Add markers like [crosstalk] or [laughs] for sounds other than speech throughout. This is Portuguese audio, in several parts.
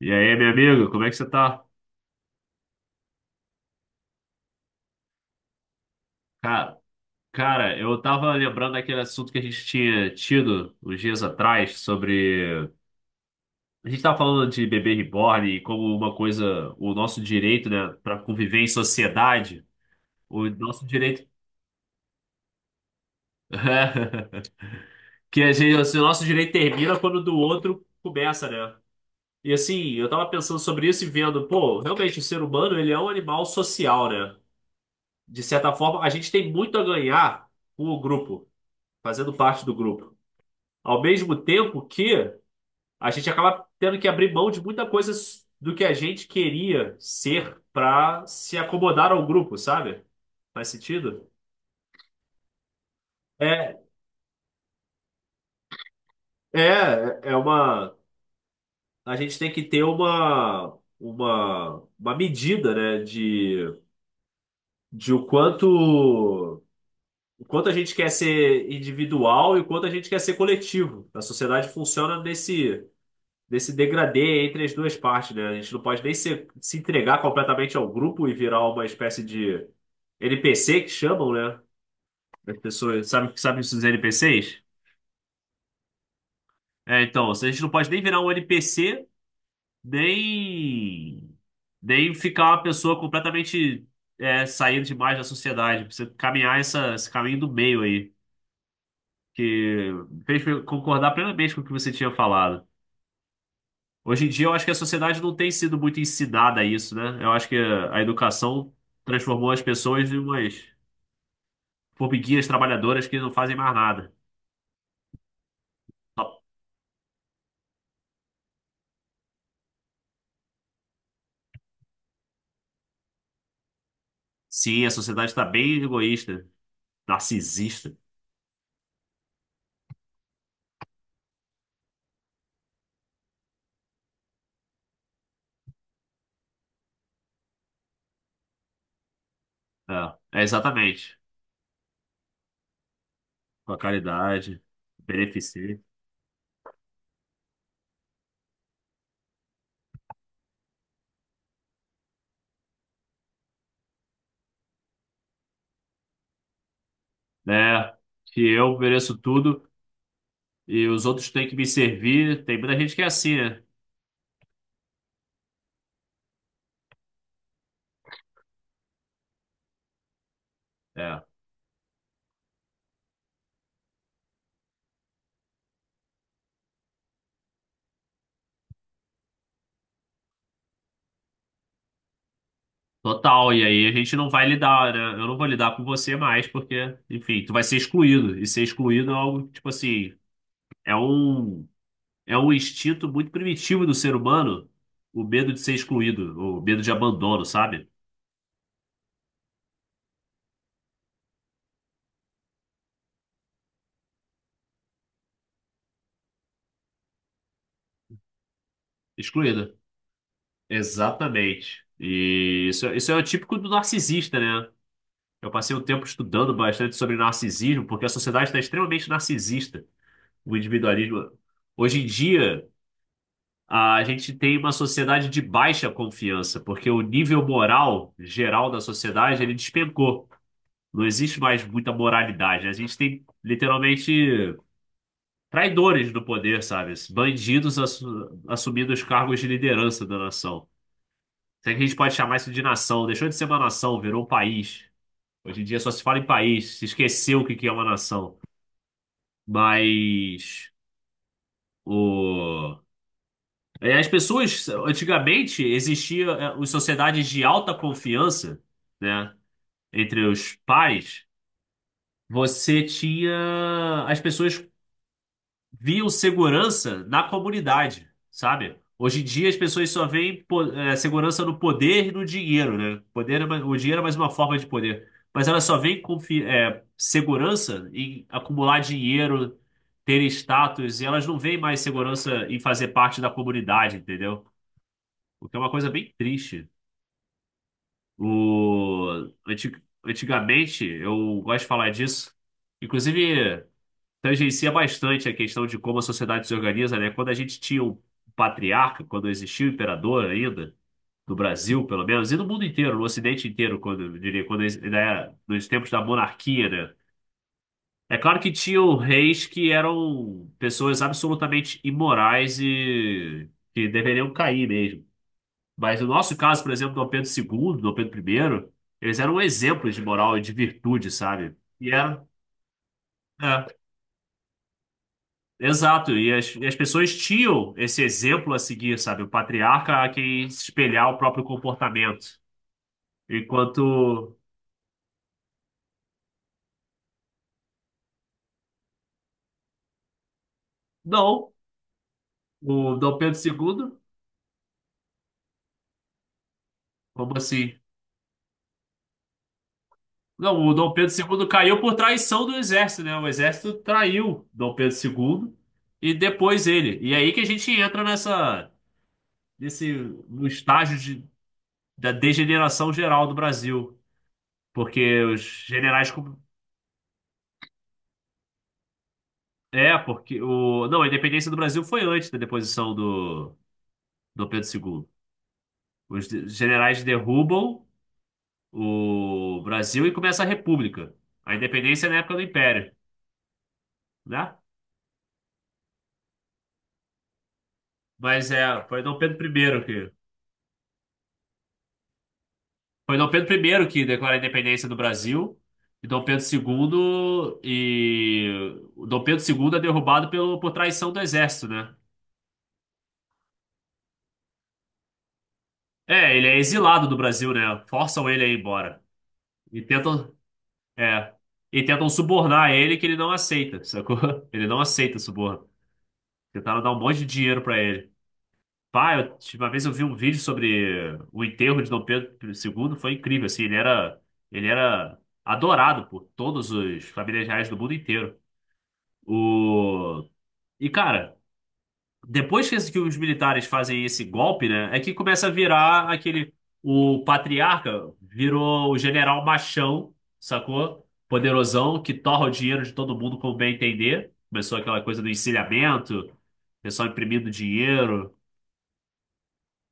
E aí, meu amigo, como é que você tá? Cara, cara, eu tava lembrando daquele assunto que a gente tinha tido uns dias atrás sobre. A gente tava falando de bebê reborn e como uma coisa, o nosso direito, né, pra conviver em sociedade, o nosso direito. [laughs] Que a gente, assim, o nosso direito termina quando o do outro começa, né? E assim, eu tava pensando sobre isso e vendo, pô, realmente o ser humano, ele é um animal social, né? De certa forma, a gente tem muito a ganhar com o grupo, fazendo parte do grupo. Ao mesmo tempo que a gente acaba tendo que abrir mão de muita coisa do que a gente queria ser para se acomodar ao grupo, sabe? Faz sentido? É, é, uma. A gente tem que ter uma medida, né, de o quanto a gente quer ser individual e o quanto a gente quer ser coletivo. A sociedade funciona desse degradê entre as duas partes, né? A gente não pode nem se entregar completamente ao grupo e virar uma espécie de NPC que chamam, né? As pessoas, sabe esses NPCs? É, então, a gente não pode nem virar um NPC, nem, nem ficar uma pessoa completamente saindo demais da sociedade. Precisa caminhar esse caminho do meio aí, que fez eu concordar plenamente com o que você tinha falado. Hoje em dia, eu acho que a sociedade não tem sido muito ensinada a isso, né? Eu acho que a educação transformou as pessoas em umas formiguinhas trabalhadoras que não fazem mais nada. Sim, a sociedade está bem egoísta, narcisista. É, é exatamente. Com a caridade, beneficência, né? Que eu mereço tudo e os outros têm que me servir. Tem muita gente que é assim, né? É. Total, e aí a gente não vai lidar, né? Eu não vou lidar com você mais, porque, enfim, tu vai ser excluído. E ser excluído é algo, tipo assim, é um, é um instinto muito primitivo do ser humano, o medo de ser excluído, o medo de abandono, sabe? Excluído. Exatamente. E isso é o típico do narcisista, né? Eu passei um tempo estudando bastante sobre narcisismo, porque a sociedade está extremamente narcisista. O individualismo. Hoje em dia, a gente tem uma sociedade de baixa confiança, porque o nível moral geral da sociedade ele despencou. Não existe mais muita moralidade. A gente tem literalmente traidores no poder, sabe? Assumindo os cargos de liderança da nação. Será que a gente pode chamar isso de nação? Deixou de ser uma nação, virou um país. Hoje em dia só se fala em país, se esqueceu o que que é uma nação. Mas o as pessoas, antigamente, existia as sociedades de alta confiança, né? Entre os pais, você tinha. As pessoas viam segurança na comunidade, sabe? Hoje em dia, as pessoas só segurança no poder e no dinheiro, né? Poder, o dinheiro é mais uma forma de poder. Mas elas só segurança em acumular dinheiro, ter status, e elas não veem mais segurança em fazer parte da comunidade, entendeu? O que é uma coisa bem triste. O... anti- Antigamente, eu gosto de falar disso. Inclusive, tangencia bastante a questão de como a sociedade se organiza, né? Quando a gente tinha o patriarca, quando existia o imperador ainda, do Brasil, pelo menos, e do mundo inteiro, no Ocidente inteiro, quando, eu diria, quando, ex- ainda nos tempos da monarquia, né? É claro que tinham reis que eram pessoas absolutamente imorais e que deveriam cair mesmo. Mas no nosso caso, por exemplo, Dom Pedro II, Dom Pedro I, eles eram exemplos de moral e de virtude, sabe? É, exato. E as pessoas tinham esse exemplo a seguir, sabe? O patriarca a quem se espelhar o próprio comportamento. Enquanto, não, o Dom Pedro II, como assim? Não, o Dom Pedro II caiu por traição do exército, né? O exército traiu Dom Pedro II e depois ele. E é aí que a gente entra nesse, no estágio de da degeneração geral do Brasil, porque os generais com- é, porque o não, a independência do Brasil foi antes da deposição do Pedro II. Generais derrubam o Brasil e começa a República. A independência é na época do Império, né? Mas é, foi Dom Pedro I que foi Dom Pedro I que declara a independência do Brasil. E Dom Pedro II e o Dom Pedro II é derrubado pelo, por traição do exército, né? É, ele é exilado do Brasil, né? Forçam ele a ir embora. E tentam, é, e tentam subornar ele que ele não aceita, sacou? [laughs] Ele não aceita suborno. Tentaram dar um monte de dinheiro pra ele. Pá, eu, tipo, uma vez eu vi um vídeo sobre o enterro de Dom Pedro II, foi incrível, assim, ele era adorado por todos os familiares reais do mundo inteiro. O... E, cara, depois que os militares fazem esse golpe, né, é que começa a virar aquele. O patriarca virou o general machão, sacou? Poderosão, que torra o dinheiro de todo mundo como bem entender. Começou aquela coisa do encilhamento, pessoal imprimindo dinheiro.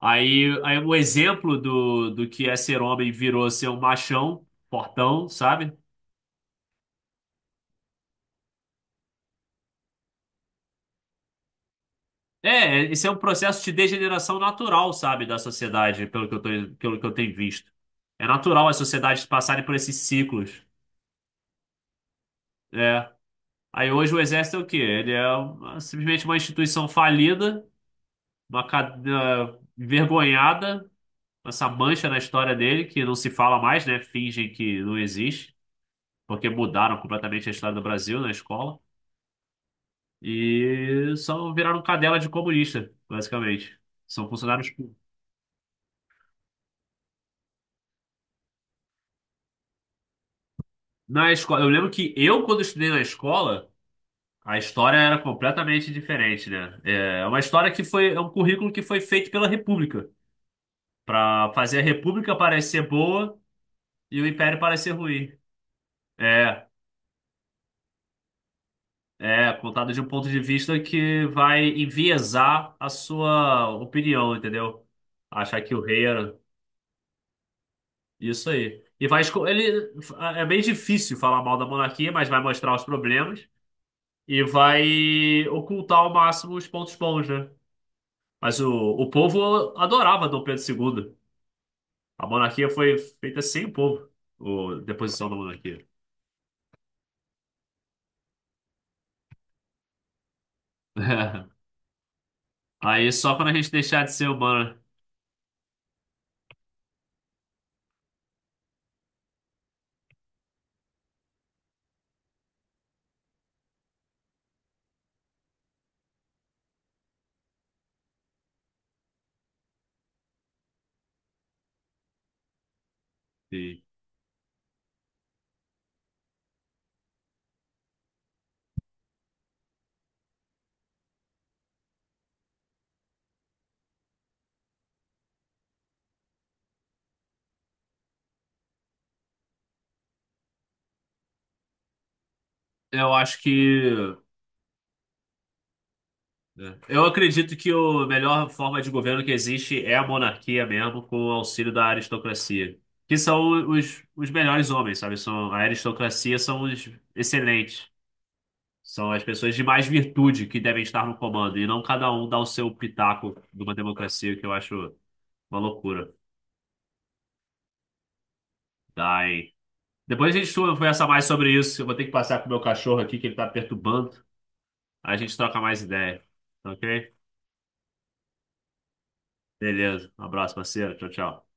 Aí, um exemplo do que é ser homem virou ser um machão, portão, sabe? É, esse é um processo de degeneração natural, sabe, da sociedade, pelo que eu tenho visto. É natural as sociedades passarem por esses ciclos. É. Aí hoje o exército é o quê? Ele é simplesmente uma instituição falida, envergonhada, essa mancha na história dele, que não se fala mais, né? Fingem que não existe, porque mudaram completamente a história do Brasil na escola. E só viraram cadela de comunista, basicamente. São funcionários. Na escola, eu lembro que eu, quando estudei na escola, a história era completamente diferente, né? É uma história que foi, é um currículo que foi feito pela República, para fazer a República parecer boa e o Império parecer ruim. É, contado de um ponto de vista que vai enviesar a sua opinião, entendeu? Achar que o rei era isso aí. E vai, é bem difícil falar mal da monarquia, mas vai mostrar os problemas e vai ocultar ao máximo os pontos bons, né? Mas o povo adorava Dom Pedro II. A monarquia foi feita sem o povo, o deposição da monarquia. [laughs] Aí só quando a gente deixar de ser humano. E Eu acho que. Eu acredito que a melhor forma de governo que existe é a monarquia mesmo, com o auxílio da aristocracia. Que são os melhores homens, sabe? São, a aristocracia são os excelentes. São as pessoas de mais virtude que devem estar no comando, e não cada um dar o seu pitaco numa democracia, que eu acho. Uma loucura. Dai Depois a gente conversa mais sobre isso. Eu vou ter que passar com o meu cachorro aqui, que ele tá perturbando. Aí a gente troca mais ideia. Tá ok? Beleza. Um abraço, parceiro. Tchau, tchau.